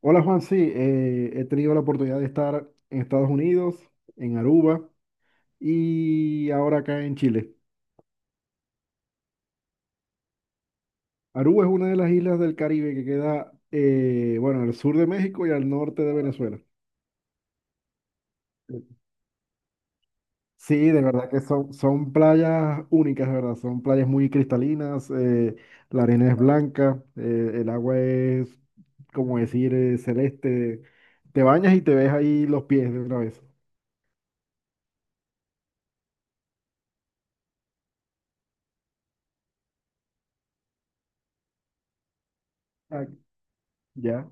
Hola Juan, sí, he tenido la oportunidad de estar en Estados Unidos, en Aruba y ahora acá en Chile. Aruba es una de las islas del Caribe que queda, bueno, al sur de México y al norte de Venezuela. Sí, de verdad que son playas únicas, de verdad, son playas muy cristalinas, la arena es blanca, el agua es, como decir, celeste. Te bañas y te ves ahí los pies de una vez. Ah, ya,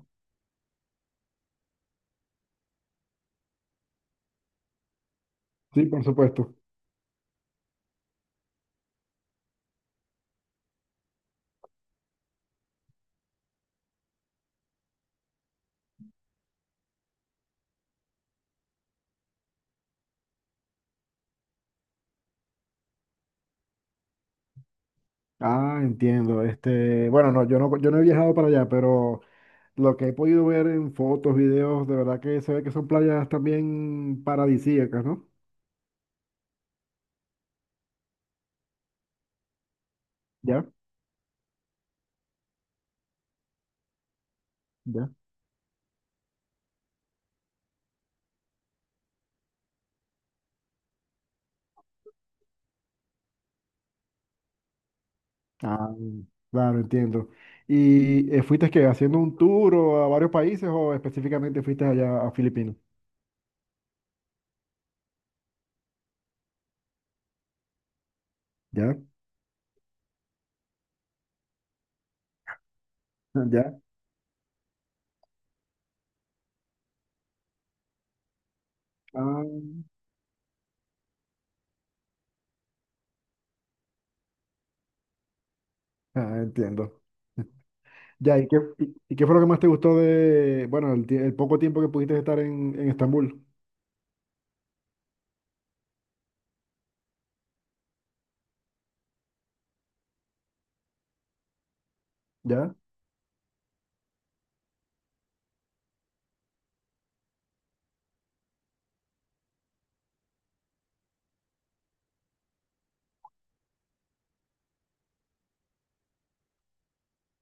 sí, por supuesto. Ah, entiendo. Este, bueno, no, yo no he viajado para allá, pero lo que he podido ver en fotos, videos, de verdad que se ve que son playas también paradisíacas, ¿no? ¿Ya? ¿Ya? Ah, claro, entiendo. ¿Y fuiste que haciendo un tour o a varios países o específicamente fuiste allá a Filipinas? ¿Ya? ¿Ya? Ah, ah, entiendo. Ya. ¿Y qué fue lo que más te gustó de, bueno, el poco tiempo que pudiste estar en Estambul? ¿Ya?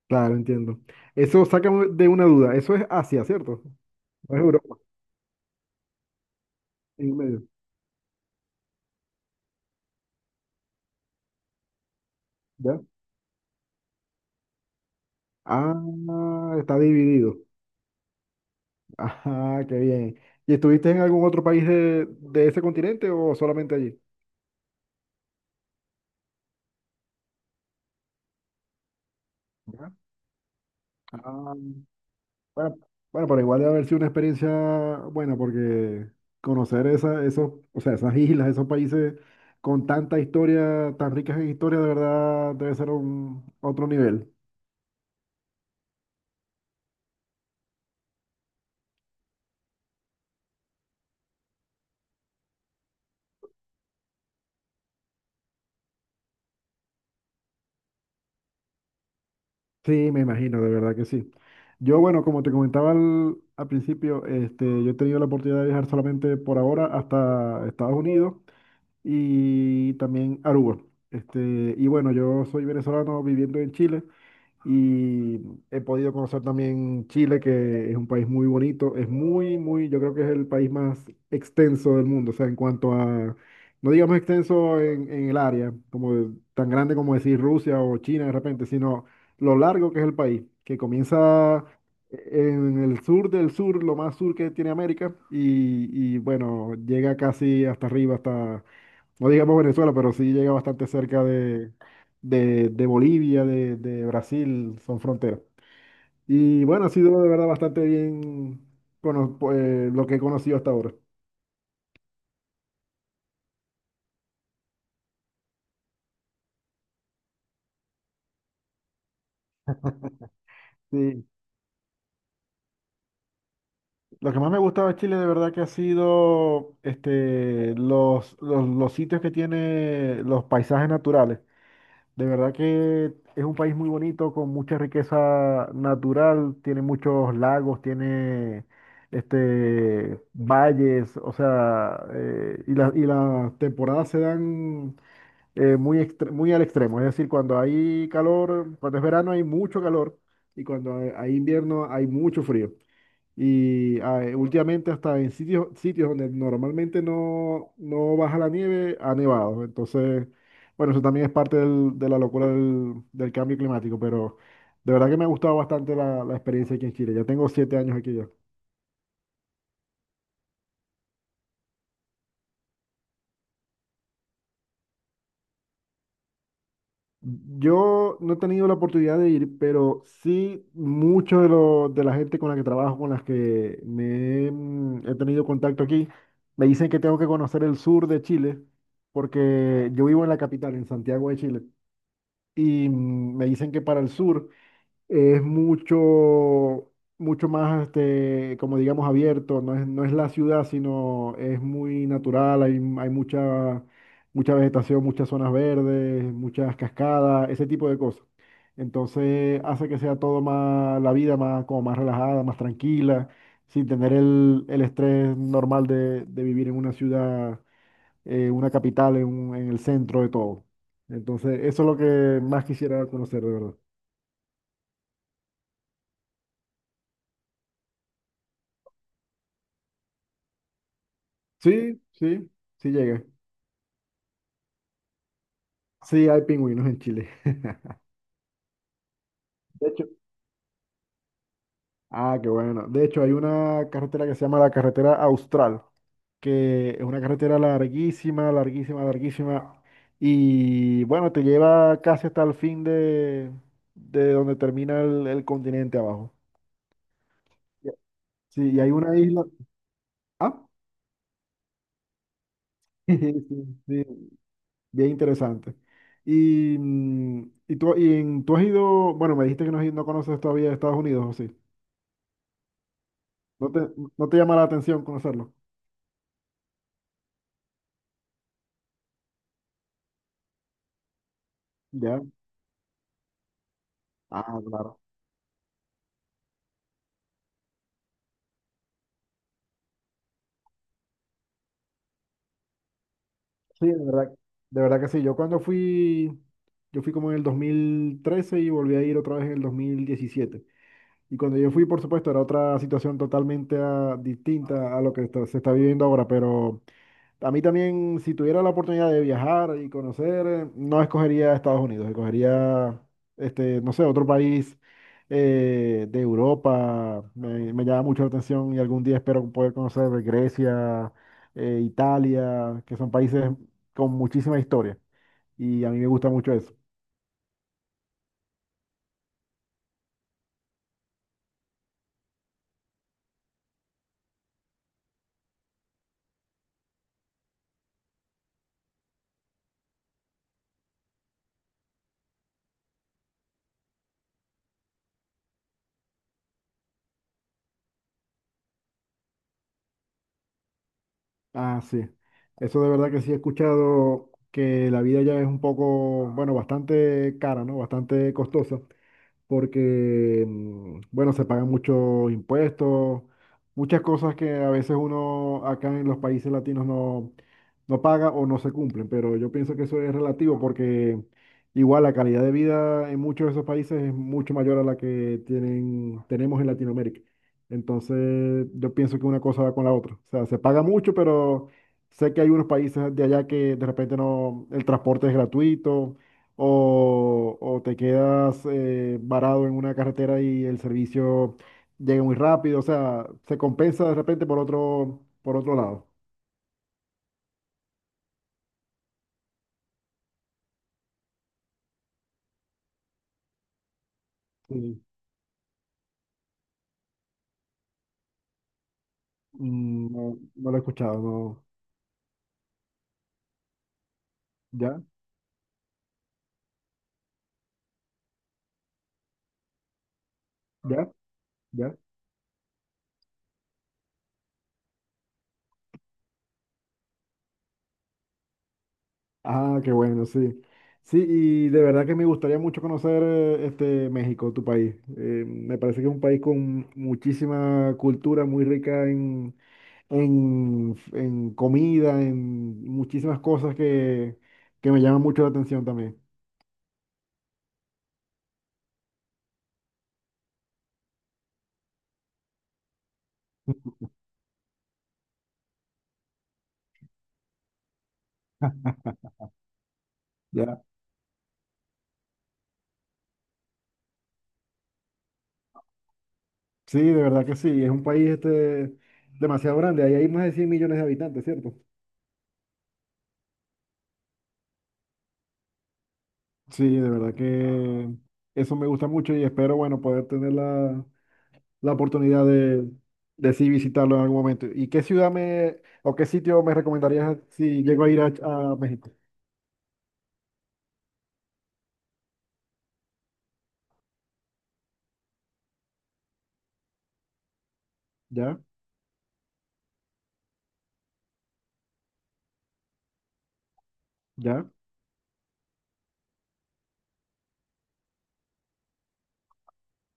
Claro, entiendo. Eso saca de una duda. Eso es Asia, ¿cierto? No es Europa, en medio. ¿Ya? Ah, está dividido. Ajá, qué bien. ¿Y estuviste en algún otro país de ese continente o solamente allí? Ya. Ah, bueno, bueno, pero igual debe haber sido una experiencia buena porque conocer esa, esos, o sea, esas islas, esos países con tanta historia, tan ricas en historia, de verdad debe ser un otro nivel. Sí, me imagino, de verdad que sí. Yo, bueno, como te comentaba al principio, este, yo he tenido la oportunidad de viajar solamente por ahora hasta Estados Unidos y también Aruba. Este, y bueno, yo soy venezolano viviendo en Chile. Y he podido conocer también Chile, que es un país muy bonito. Es muy, muy, yo creo que es el país más extenso del mundo. O sea, en cuanto a, no digamos extenso en, el área, como tan grande como decir Rusia o China de repente, sino lo largo que es el país, que comienza en el sur del sur, lo más sur que tiene América, y, bueno, llega casi hasta arriba, no digamos Venezuela, pero sí llega bastante cerca de Bolivia, de Brasil, son fronteras. Y bueno, ha sido de verdad bastante bien lo que he conocido hasta ahora. Sí. Lo que más me ha gustado de Chile de verdad que ha sido este, los sitios que tiene los paisajes naturales. De verdad que es un país muy bonito, con mucha riqueza natural, tiene muchos lagos, tiene este, valles, o sea, y las temporadas se dan muy al extremo, es decir, cuando hay calor, cuando es verano hay mucho calor y cuando hay invierno hay mucho frío. Y últimamente hasta en sitios, sitios donde normalmente no baja la nieve, ha nevado. Entonces, bueno, eso también es parte de la locura del cambio climático, pero de verdad que me ha gustado bastante la experiencia aquí en Chile. Ya tengo 7 años aquí ya. Yo no he tenido la oportunidad de ir, pero sí mucho de la gente con la que trabajo, con las que he tenido contacto aquí, me dicen que tengo que conocer el sur de Chile, porque yo vivo en la capital, en Santiago de Chile. Y me dicen que para el sur es mucho, mucho más, este, como digamos, abierto, no es la ciudad, sino es muy natural, hay mucha vegetación, muchas zonas verdes, muchas cascadas, ese tipo de cosas. Entonces hace que sea todo más, la vida más, como más relajada, más tranquila, sin tener el estrés normal de vivir en una ciudad una capital en el centro de todo. Entonces, eso es lo que más quisiera conocer, de verdad. Sí, sí, sí llega. Sí, hay pingüinos en Chile. De hecho, qué bueno. De hecho, hay una carretera que se llama la carretera Austral, que es una carretera larguísima, larguísima, larguísima. Y bueno, te lleva casi hasta el fin de donde termina el continente abajo. Ya. Sí, y hay una isla. Ah, sí, sí, bien interesante. Tú has ido, bueno, me dijiste que no, no conoces todavía Estados Unidos, ¿o sí? ¿No te, no te llama la atención conocerlo? Ya. Ah, claro. Sí, de verdad que sí. Yo fui como en el 2013 y volví a ir otra vez en el 2017. Y cuando yo fui, por supuesto, era otra situación totalmente distinta a lo que se está viviendo ahora, pero a mí también, si tuviera la oportunidad de viajar y conocer, no escogería Estados Unidos, escogería, este, no sé, otro país de Europa. Me llama mucho la atención y algún día espero poder conocer Grecia, Italia, que son países con muchísima historia. Y a mí me gusta mucho eso. Ah, sí. Eso de verdad que sí he escuchado que la vida ya es un poco, bueno, bastante cara, ¿no? Bastante costosa. Porque, bueno, se pagan muchos impuestos, muchas cosas que a veces uno acá en los países latinos no paga o no se cumplen, pero yo pienso que eso es relativo porque igual la calidad de vida en muchos de esos países es mucho mayor a la que tienen, tenemos en Latinoamérica. Entonces, yo pienso que una cosa va con la otra. O sea, se paga mucho, pero sé que hay unos países de allá que de repente no, el transporte es gratuito o te quedas varado en una carretera y el servicio llega muy rápido, o sea, se compensa de repente por otro lado. Sí. No, no lo he escuchado, no. ¿Ya? ¿Ya? ¿Ya? Ah, qué bueno, sí. Sí, y de verdad que me gustaría mucho conocer este México, tu país. Me parece que es un país con muchísima cultura, muy rica en, comida, en muchísimas cosas que me llaman mucho la atención también. Ya. Sí, de verdad que sí, es un país este, demasiado grande, ahí hay más de 100 millones de habitantes, ¿cierto? Sí, de verdad que eso me gusta mucho y espero, bueno, poder tener la oportunidad de sí visitarlo en algún momento. ¿Y qué ciudad me, o qué sitio me recomendarías si llego a ir a México? Ya, ya,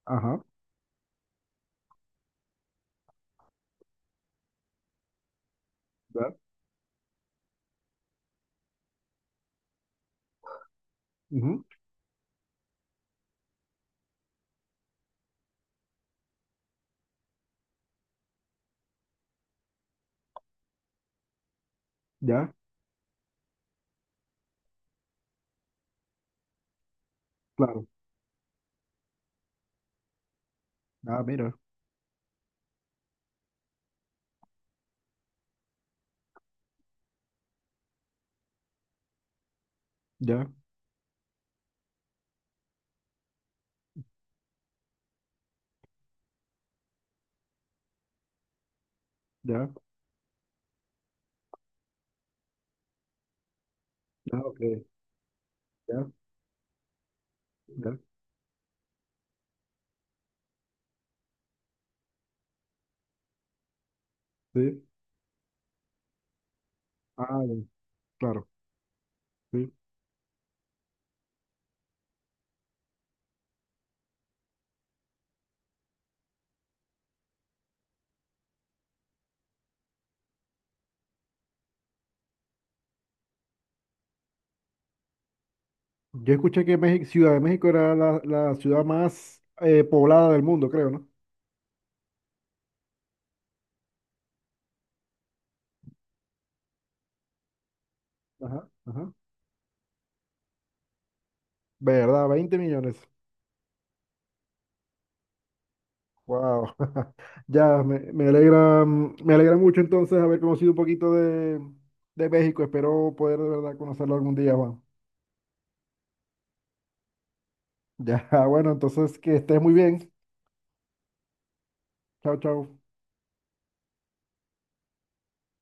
ajá, ya, ujú, ya, claro. Ah, mira, ya, ya. Ah, ok, ya, ya, sí. Ah, ya, claro, sí. Yo escuché que México, Ciudad de México era la ciudad más poblada del mundo, creo, ¿no? Ajá, ajá. ¿Verdad? 20 millones. Wow. Ya, me alegra mucho entonces haber conocido un poquito de México. Espero poder de verdad conocerlo algún día, Juan. Ya, bueno, entonces que estés muy bien. Chao, chao.